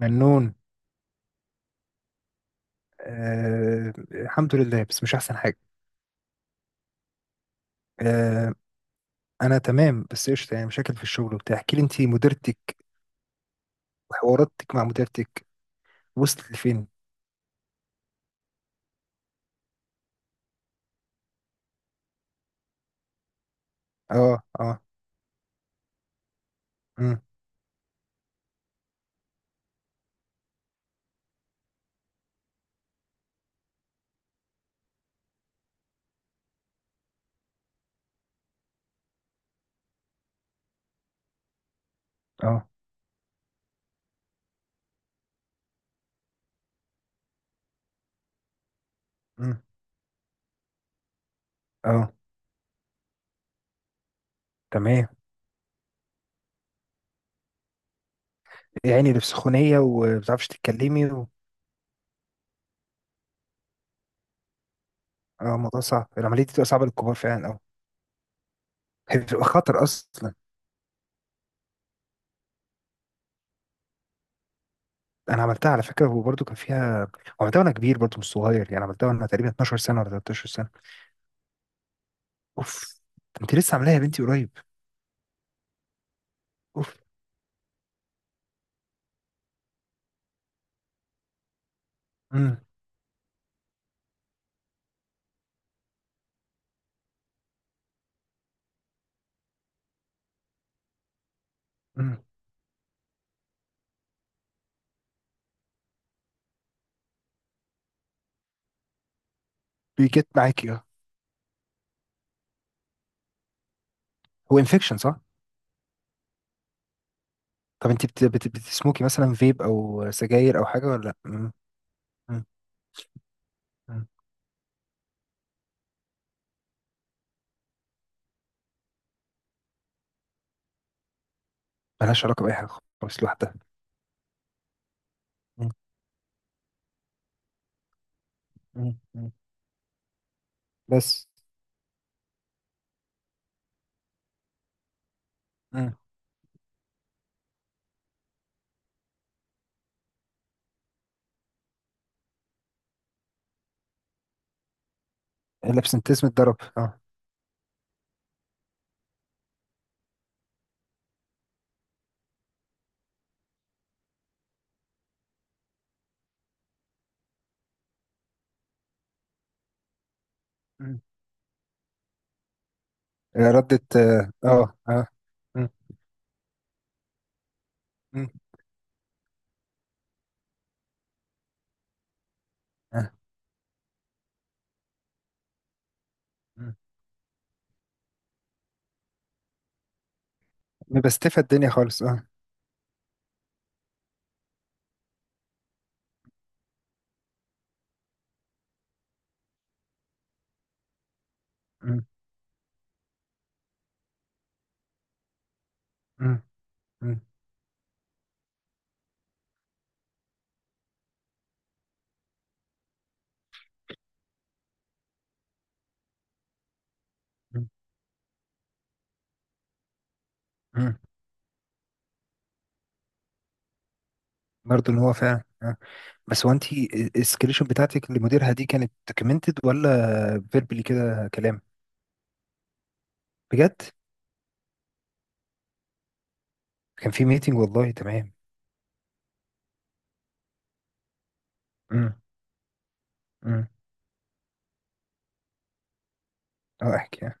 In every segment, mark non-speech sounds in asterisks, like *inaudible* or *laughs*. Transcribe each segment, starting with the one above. منون. آه، الحمد لله بس مش احسن حاجه. آه، انا تمام بس قشطه، يعني مشاكل في الشغل وبتاع. احكي لي انت مديرتك وحواراتك مع مديرتك، وصلت لفين؟ اه اه. امم. اه. امم. اه. تمام، يعني اللي في سخونيه وما بتعرفش تتكلمي و اه، الموضوع صعب، العمليه دي بتبقى صعبه للكبار فعلا، اه. هي بتبقى خطر اصلا. انا عملتها على فكره وبرده كان فيها، عملتها وانا كبير برده مش صغير يعني، عملتها وانا تقريبا 12 سنه ولا 13 سنه. اوف. انت لسه عاملاها يا بنتي قريب؟ اوف. مم. مم. بيجت معاكي اه. هو انفكشن صح؟ طب انت بتسموكي مثلا فيب او سجاير او حاجه ولا لا؟ مم. مم. مم. ملهاش علاقه باي حاجه، خالص، لوحدها. مم. مم. مم. بس. مم. الابسنتيزم اتضرب، اه. مم. ردة، اه اه آه. مم. مم. آه. مم. مبستفة الدنيا خالص، اه. مم. مم. مم. مم. مم. برضه ان هو فعلا آه. بس هو انت، السكريشن بتاعتك لمديرها دي كانت دوكيومنتد ولا فيربلي كده كلام؟ بجد؟ كان في ميتنج، والله تمام. امم. امم. اه، احكي اه.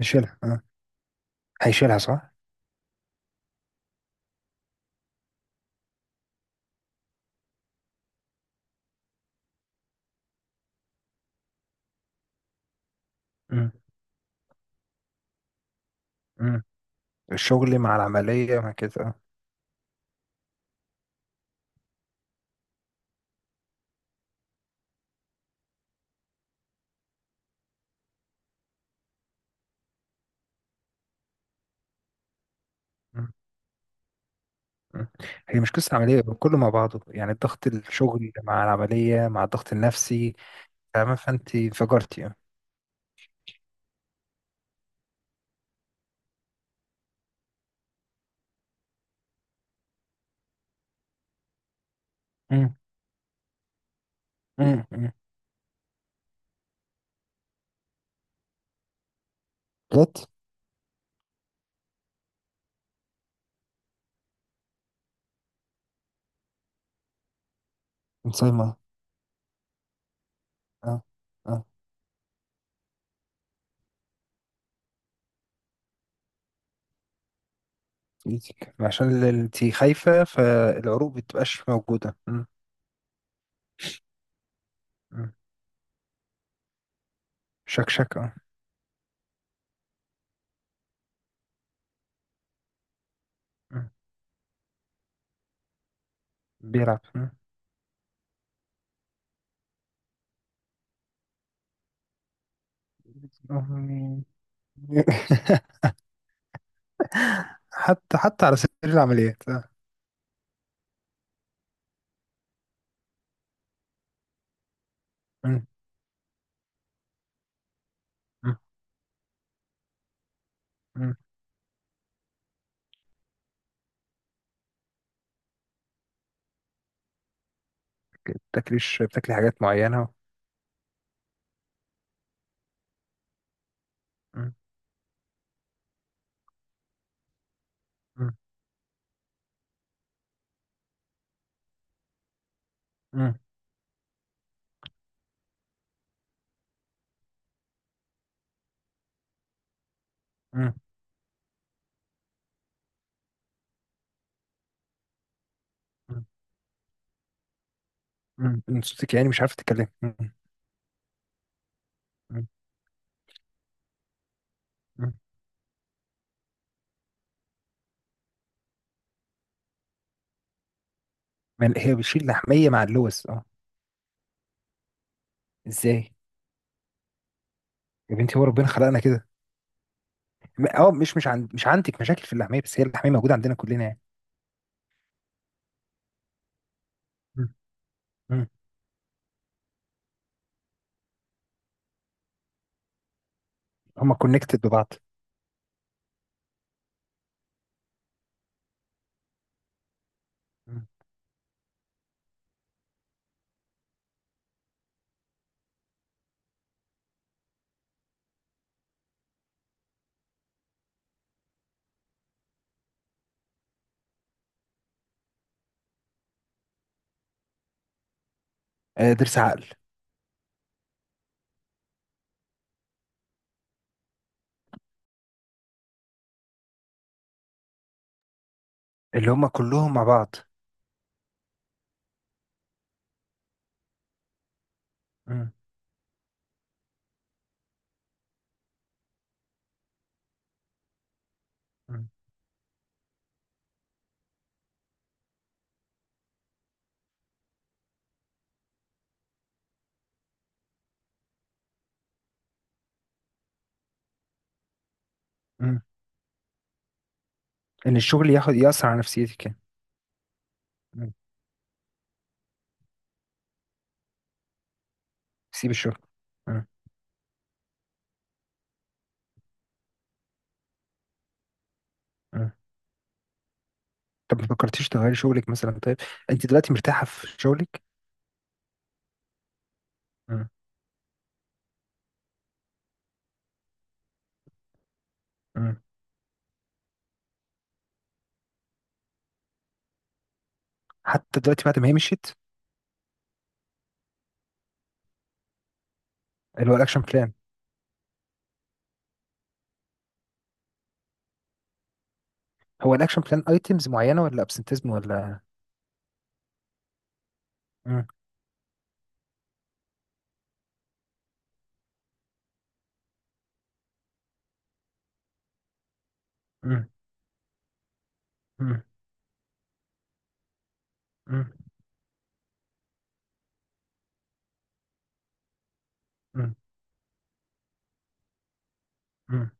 نشيلها اه. هيشيلها صح. امم. امم. الشغل مع العملية مع كده اه. مم. مم. هي مش قصة عملية، كله مع بعضه يعني، ضغط الشغل مع العملية مع الضغط النفسي. فاهمة، فانت انفجرتي اه. امم. امم. امم. جت. مصايمة اه اه. في ايدك عشان انت خايفة، فالعروق بتبقاش موجودة، امم. امم. شكشك اه. مم. بيلعب مم. *laughs* حتى حتى على سبيل العمليات آه. مم. مم. مم. بتاكليش، بتاكلي حاجات معينة؟ مم. مم. مم. مم. مم. مم. صوتك يعني مش عارفة تتكلمي، مم. مم. مم. هي بتشيل لحمية مع اللوز اه. ازاي؟ يا بنتي هو ربنا خلقنا كده. مش عندك مشاكل في اللحمية، بس هي اللحمية موجودة عندنا كلنا يعني. مم. مم. هما كونكتد ببعض. مم. آه، ضرس عقل. اللي هما كلهم مع بعض. مم. مم. مم. ان الشغل ياخد يأثر على نفسيتك يعني. مم. سيب الشغل. مم. طب ما فكرتيش تغيري شغلك مثلا، طيب انت دلوقتي مرتاحه في شغلك؟ مم. مم. حتى دلوقتي بعد ما هي مشيت؟ اللي هو الاكشن بلان. هو الاكشن بلان ايتمز معينه ولا ابسنتيزم ولا؟ مم. مم. مم. مم. مم. مم.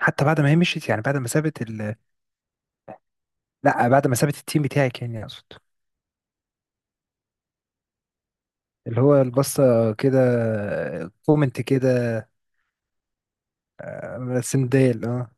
حتى بعد ما هي مشيت يعني، بعد ما سابت ال. لا، بعد ما سابت التيم بتاعك يعني اقصد. اللي هو البصه، كده. كومنت كده. سندال اه.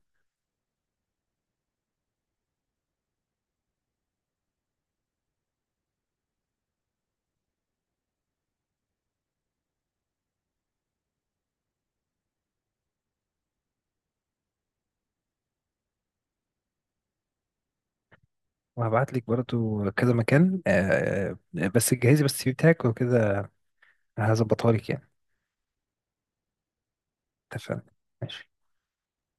وهبعت لك برضو كذا مكان آه، بس جهزي بس السي في بتاعك وكده، هظبطها لك يعني. اتفقنا. ماشي.